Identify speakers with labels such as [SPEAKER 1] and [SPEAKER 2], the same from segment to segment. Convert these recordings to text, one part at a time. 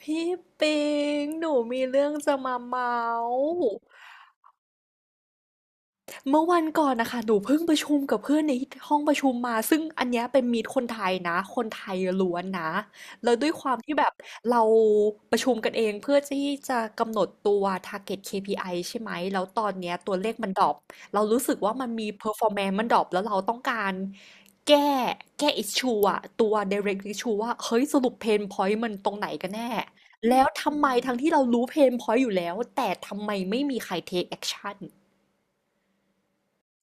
[SPEAKER 1] พี่ปิงหนูมีเรื่องจะมาเมาส์ เมื่อวันก่อนนะคะหนูเพิ่งประชุมกับเพื่อนในห้องประชุมมาซึ่งอันเนี้ยเป็นมีตคนไทยนะคนไทยล้วนนะแล้วด้วยความที่แบบเราประชุมกันเองเพื่อที่จะกำหนดตัว target KPI ใช่ไหมแล้วตอนเนี้ยตัวเลขมันดรอปเรารู้สึกว่ามันมี performance มันดรอปแล้วเราต้องการแก้แก้ issue อะตัว direct issue ว่าเฮ้ยสรุป pain point มันตรงไหนกันแน่แล้วทำไมทั้งที่เรารู้ pain point อยู่แล้วแต่ทำไมไม่มีใคร take action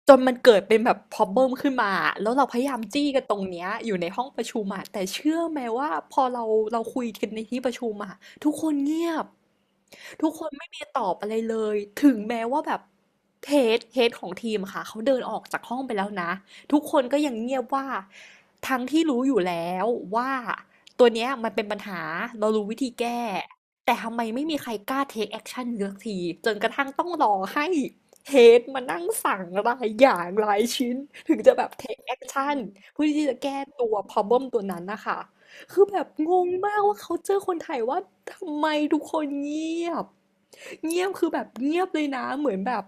[SPEAKER 1] จนมันเกิดเป็นแบบ problem ขึ้นมา แล้วเราพยายามจี้กันตรงเนี้ยอยู่ในห้องประชุมอะแต่เชื่อไหมว่าพอเราคุยกันในที่ประชุมอะทุกคนเงียบ ทุกคนไม่มีตอบอะไรเลย ถึงแม้ว่าแบบ h ฮดเ h ดของทีมค่ะเขาเดินออกจากห้องไปแล้วนะ ทุกคนก็ยังเงียบว่าทั้งที่รู้อยู่แล้วว่าตัวเนี้ยมันเป็นปัญหาเรารู้วิธีแก้ แต่ทำไมไม่มีใครกล้า take action สักทีจนกระทั่งต้องรอให้ เฮดมานั่งสั่งรายอย่างรายชิ้นถึงจะแบบ take action เพื่อที่จะแก้ตัว problem ตัวนั้นนะคะคือแบบงงมากว่าเขาเจอคนไทยว่าทำไมทุกคนเงียบเงียบคือแบบเงียบเลยนะเหมือนแบบ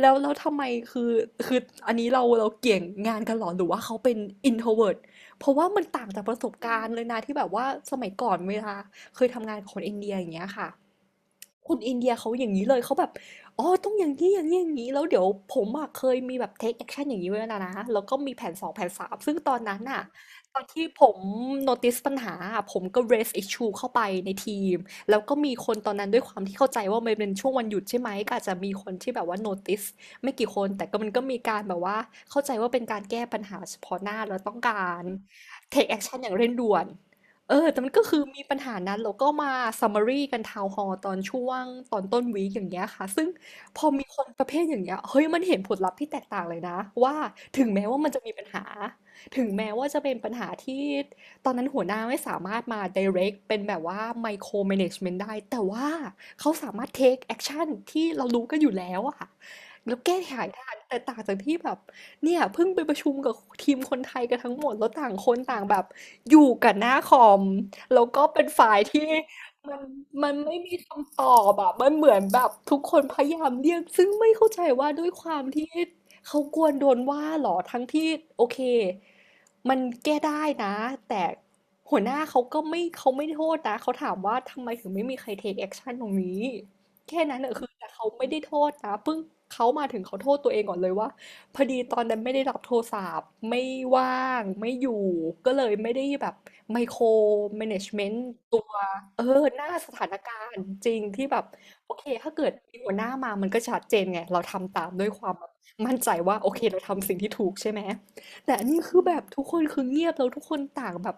[SPEAKER 1] แล้วทำไมคือคืออันนี้เราเกี่ยงงานกันเหรอหรือว่าเขาเป็น introvert เพราะว่ามันต่างจากประสบการณ์เลยนะที่แบบว่าสมัยก่อนเวลาเคยทำงานกับคนอินเดียอย่างเงี้ยค่ะ คนอินเดียเขาอย่างนี้เลยเขาแบบอ๋อต้องอย่างนี้อย่างนี้อย่างนี้แล้วเดี๋ยวผมอะเคยมีแบบเทคแอคชั่นอย่างนี้ไว้แล้วนะแล้วก็มีแผนสองแผนสามซึ่งตอนนั้นน่ะตอนที่ผม notice ปัญหาอะผมก็ raise issue เข้าไปในทีมแล้วก็มีคนตอนนั้นด้วยความที่เข้าใจว่ามันเป็นช่วงวันหยุดใช่ไหมก็อาจจะมีคนที่แบบว่า notice ไม่กี่คนแต่ก็มันก็มีการแบบว่าเข้าใจว่าเป็นการแก้ปัญหาเฉพาะหน้าแล้วต้องการ take action อย่างเร่งด่วน เออแต่มันก็คือมีปัญหานั้นแล้วก็มา summary กัน Town Hall ตอนช่วงตอนต้นวีคอย่างเงี้ยค่ะซึ่งพอมีคนประเภทอย่างเงี้ยเฮ้ยมันเห็นผลลัพธ์ที่แตกต่างเลยนะว่าถึงแม้ว่ามันจะมีปัญหาถึงแม้ว่าจะเป็นปัญหาที่ตอนนั้นหัวหน้าไม่สามารถมา direct เป็นแบบว่า micro management ได้แต่ว่าเขาสามารถ take action ที่เรารู้กันอยู่แล้วอะ แล้วแก้ไขทันแต่ต่างจากที่แบบเนี่ยเพิ่งไปประชุมกับทีมคนไทยกันทั้งหมดแล้วต่างคนต่างแบบอยู่กับหน้าคอมแล้วก็เป็นฝ่ายที่มันมันไม่มีคำตอบอะมันเหมือนแบบทุกคนพยายามเรียกซึ่งไม่เข้าใจว่าด้วยความที่เขากลัวโดนว่าเหรอทั้งที่โอเคมันแก้ได้นะแต่หัวหน้าเขาไม่โทษนะเขาถามว่าทำไมถึงไม่มีใคร take action ตรงนี้ แค่นั้นเนอะคือแต่เขาไม่ได้โทษนะเพิ่งเขามาถึงเขาโทษตัวเองก่อนเลยว่าพอดีตอนนั้นไม่ได้รับโทรศัพท์ไม่ว่างไม่อยู่ก็เลยไม่ได้แบบไมโครแมネจเมนต์ตัวเออหน้าสถานการณ์จริงที่แบบโอเคถ้าเกิดมีหัวหน้ามามันก็ชัดเจนไงเราทำตามด้วยความแบบมั่นใจว่าโอเคเราทำสิ่งที่ถูกใช่ไหม แต่อันนี้คือแบบทุกคนคือเงียบแล้วทุกคนต่างแบบ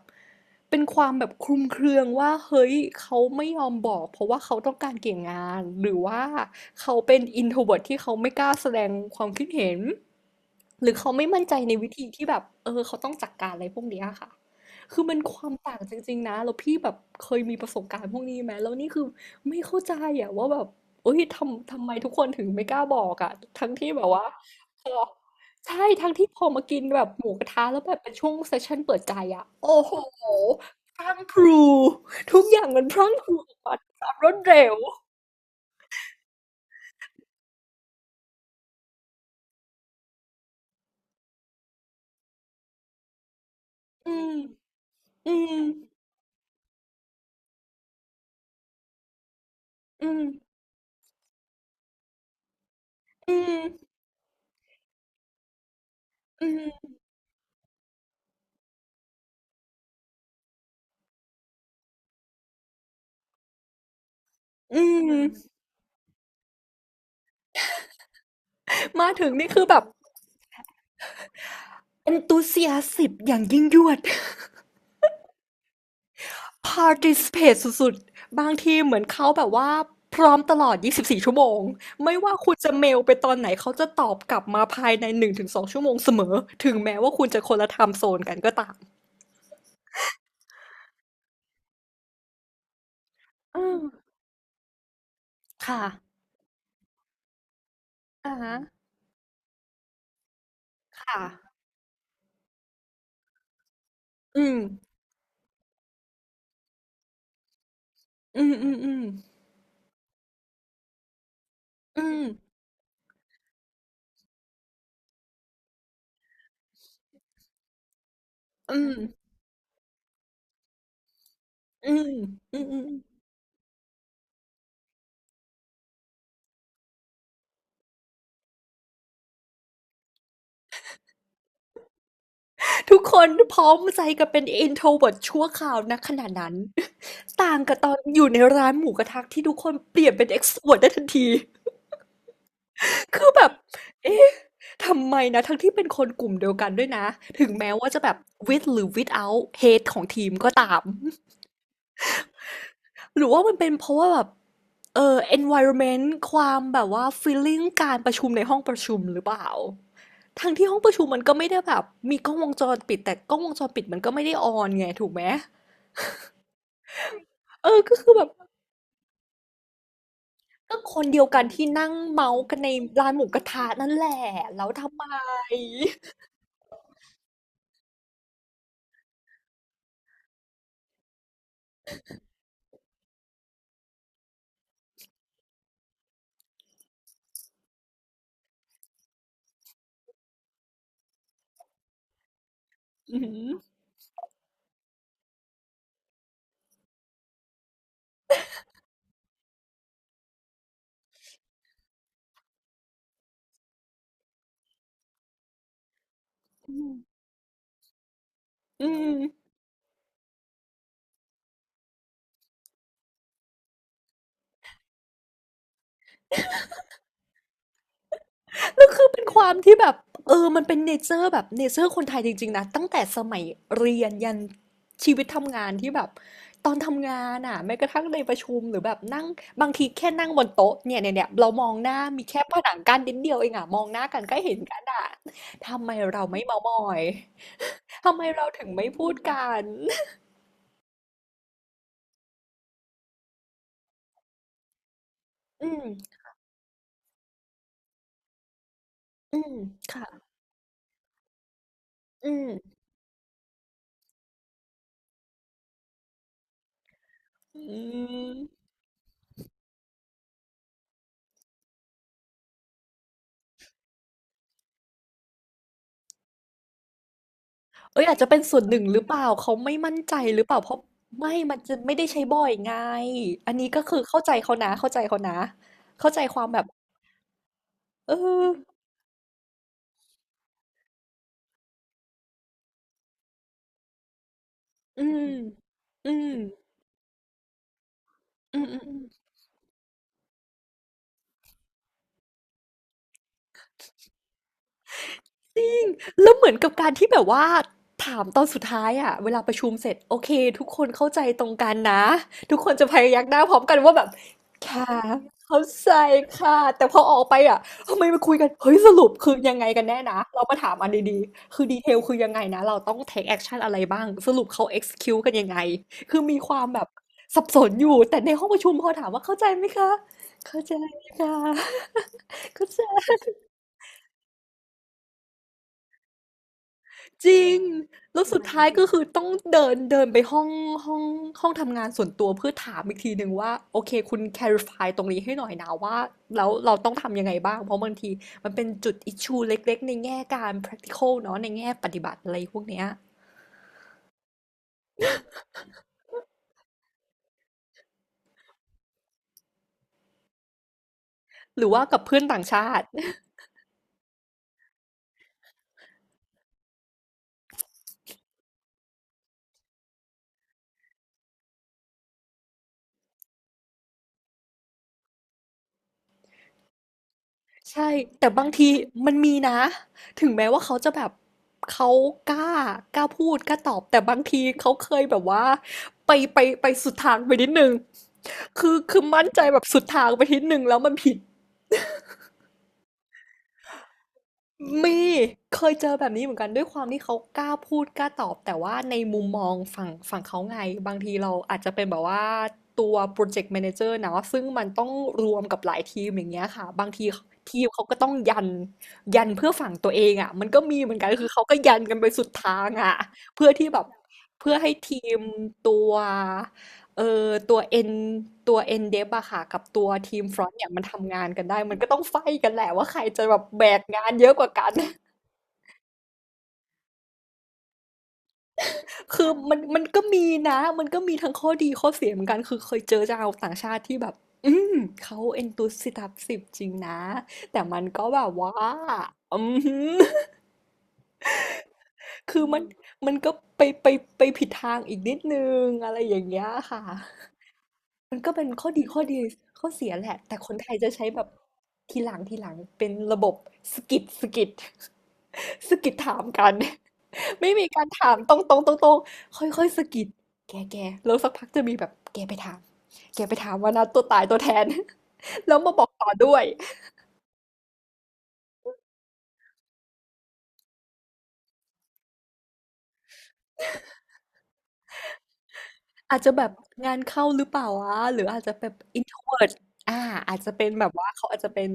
[SPEAKER 1] เป็นความแบบคลุมเครือว่าเฮ้ยเขาไม่ยอมบอกเพราะว่าเขาต้องการเกี่ยงงานหรือว่าเขาเป็นอินโทรเ r ิร์ที่เขาไม่กล้าแสดงความคิดเห็นหรือเขาไม่มั่นใจในวิธีที่แบบเขาต้องจัดการอะไรพวกเนี้ยค่ะคือมันความต่างจริงๆนะแล้วพี่แบบเคยมีประสบการณ์พวกนี้ไหมแล้วนี่คือไม่เข้าใจอะว่าแบบเอ้ยทำไมทุกคนถึงไม่กล้าบอกอะทั้งที่แบบว่าพอ ใช่ทั้งที่พอมากินแบบหมูกระทะแล้วแบบเป็นช่วงเซสชั่นเปิดใจอะโอ้โหพรั่งพรูทุกอย่างมันพรั่งพรูออกมาด้วยความรวดเร็วอืมอืมอืมอืมอืมอืมมาถึงนี่คือแบบ e n t h u s i a s สิบอย่างยิ่งยวด participate สุดๆบางทีเหมือนเขาแบบว่าพร้อมตลอด24ชั่วโมงไม่ว่าคุณจะเมลไปตอนไหนเขาจะตอบกลับมาภายใน1-2ชั่วโมงเสมอถึงแม้ว่าคุณจะคนละไทม์โซนกันก็ตามอืมค่ะอะฮะค่ะอืมอืมอืมอืมอืมอืมอืมอืมๆทุกคนพร้อมใจกันเป็น introvert ชั่วคราวณขณะนั้น ต่างกับตอนอยู่ในร้านหมูกระทะที่ทุกคนเปลี่ยนเป็น extrovert ได้ทันที คือแบบเอ๊ะทำไมนะทั้งที่เป็นคนกลุ่มเดียวกันด้วยนะ ถึงแม้ว่าจะแบบ with หรือ without hate ของทีมก็ตามหรือว่ามันเป็นเพราะว่าแบบเออ environment ความแบบว่า feeling การประชุมในห้องประชุมหรือเปล่าทั้งที่ห้องประชุมมันก็ไม่ได้แบบมีกล้องวงจรปิดแต่กล้องวงจรปิดมันก็ไม่ได้ออนไงถูกไหมเออก็คือแบบก็คนเดียวกันที่นั่งเมาส์กันในร้านหมูกระทะนั่นแหละแล้วทำไมอืมอืมอืม แล้วคือเป็นความที่แบบเออมันเป็นเนเจอร์แบบเนเจอร์คนไทยจริงๆนะตั้งแต่สมัยเรียนยันชีวิตทำงานที่แบบตอนทำงานอ่ะแม้กระทั่งในประชุมหรือแบบนั่งบางทีแค่นั่งบนโต๊ะเนี่ยเนี่ยเนี่ยเรามองหน้ามีแค่ผนังกั้นนิดเดียวเองอ่ะมองหน้ากันก็เห็นกันอ่ะทำไมเราไม่เมามอยทำไมเราถึงไม่พูดกันอืมอืมค่ะอืมอืม เอ้ยอาจจะเป็นส่วนหนึ่งหรือเปล่าเขาไม่มั่นใจหรือเปล่าเพราะไม่มันจะไม่ได้ใช้บ่อยไงอันนี้ก็คือเข้าใจเขานะเข้าใจเขานะเข้าใจความแบบเอออืมอืมอืมอืมอืม จริงแล้วเหมือนกับการที่แบบว่าถามตอนสุดท้ายอะเวลาประชุมเสร็จโอเคทุกคนเข้าใจตรงกันนะทุกคนจะพยักหน้าพร้อมกันว่าแบบค่ะเข้าใจค่ะแต่พอออกไปอะทำไมมาคุยกันเฮ้ยสรุปคือยังไงกันแน่นะเรามาถามอันดีๆคือดีเทลคือยังไงนะเราต้อง take action อะไรบ้างสรุปเขา execute กันยังไงคือมีความแบบสับสนอยู่แต่ในห้องประชุมพอถามว่าเข้าใจไหมคะเข้าใจค่ะเข้าใจ จริงแล้วสุดท้ายก็คือต้องเดินเดินไปห้องห้องห้องทำงานส่วนตัวเพื่อถามอีกทีหนึ่งว่าโอเคคุณ clarify ตรงนี้ให้หน่อยนะว่าแล้วเราต้องทำยังไงบ้างเพราะบางทีมันเป็นจุด issue เล็กๆในแง่การ practical เนาะในแง่ปฏิบัติอะไรพวกเนี้ยหรือว่ากับเพื่อนต่างชาติ ใช่แต่บางทีมันมีนะถึงแม้ว่าเขาจะแบบเขากล้ากล้าพูดกล้าตอบแต่บางทีเขาเคยแบบว่าไปไปไปสุดทางไปนิดนึงคือคือมั่นใจแบบสุดทางไปนิดนึงแล้วมันผิด มีเคยเจอแบบนี้เหมือนกันด้วยความที่เขากล้าพูดกล้าตอบแต่ว่าในมุมมองฝั่งเขาไงบางทีเราอาจจะเป็นแบบว่าตัวพรอเจกต์แมเนเจอร์เนาะซึ่งมันต้องรวมกับหลายทีมอย่างเงี้ยค่ะบางทีทีมเขาก็ต้องยันเพื่อฝั่งตัวเองอะมันก็มีเหมือนกันคือเขาก็ยันกันไปสุดทางอะเพื่อที่แบบเพื่อให้ทีมตัว เออตัวเอ็นตัวเอ็นเดฟอะค่ะกับตัวทีมฟรอนต์เนี่ยมันทำงานกันได้มันก็ต้องไฟต์กันแหละว่าใครจะแบบแบกงานเยอะกว่ากัน คือมันก็มีนะมันก็มีทั้งข้อดีข้อเสียเหมือนกันคือเคยเจอชาวต่างชาติที่แบบอืมเขาเอ็นตูสิตับสิบจริงนะแต่มันก็แบบว่าอืม คือมันก็ไปไปผิดทางอีกนิดนึงอะไรอย่างเงี้ยค่ะ มันก็เป็นข้อดีข้อเสียแหละแต่คนไทยจะใช้แบบทีหลังทีหลังเป็นระบบสกิดสกิด สกิดถามกัน ไม่มีการถามตรงตรงตรงตรงค่อยค่อยๆสกิดแกแกแล้วสักพักจะมีแบบแกไปถามแกไปถามว่านะตัวตายตัวแทน แล้วมาบอกต่อด้วย อาจจะแบบงานเข้าหรือเปล่าวะหรืออาจจะแบบ introvert อ่าอาจจะเป็นแบบว่าเขาอาจจะเป็น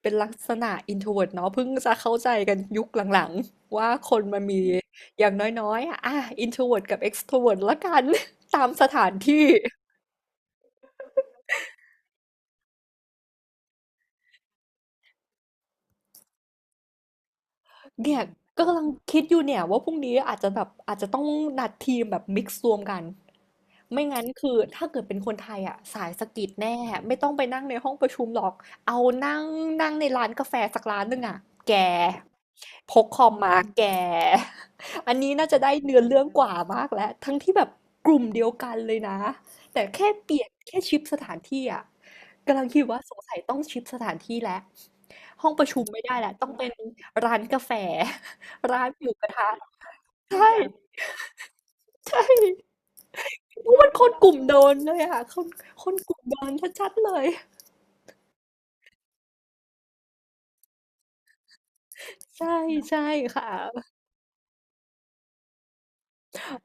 [SPEAKER 1] เป็นลักษณะ introvert เนาะเพิ่งจะเข้าใจกันยุคหลังๆว่าคนมันมีอย่างน้อยๆอ่ะอ่ะ introvert กับ extrovert ละกัน ตามสถานที่เนี่ยก็กำลังคิดอยู่เนี่ยว่าพรุ่งนี้อาจจะแบบอาจจะต้องนัดทีมแบบมิกซ์รวมกัน ไม่งั้นคือถ้าเกิดเป็นคนไทยอ่ะสายสกิดแน่ไม่ต้องไปนั่งในห้องประชุมหรอกเอานั่งนั่งในร้านกาแฟสักร้านหนึ่งอ่ะแกพกคอมมาแกอันนี้น่าจะได้เนื้อเรื่องกว่ามากแล้วทั้งที่แบบกลุ่มเดียวกันเลยนะแต่แค่เปลี่ยนแค่ชิปสถานที่อ่ะกำลังคิดว่าสงสัยต้องชิปสถานที่แล้วห้องประชุมไม่ได้แล้วต้องเป็นร้านกาแฟร้านหมูกระทะใช่ใช่ อุ๊ยมันคนกลุ่มโดนเลยอะคนคนกลุ่มโดนชัดๆเลย ใช่ใช่ค่ะ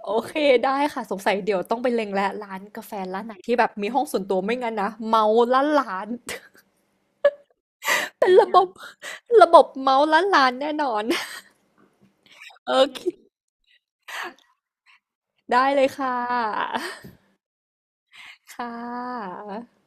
[SPEAKER 1] โอเคได้ค่ะสงสัยเดี๋ยวต้องไปเล็งแล้วร้านกาแฟร้านไหนที่แบบมีห้องส่วนตัวไม่งั้นนะเมาล้านล้าน เป็นระบบระบบเมาล้านล้านแน่นอนโอเคได้เลยค่ะค่ะ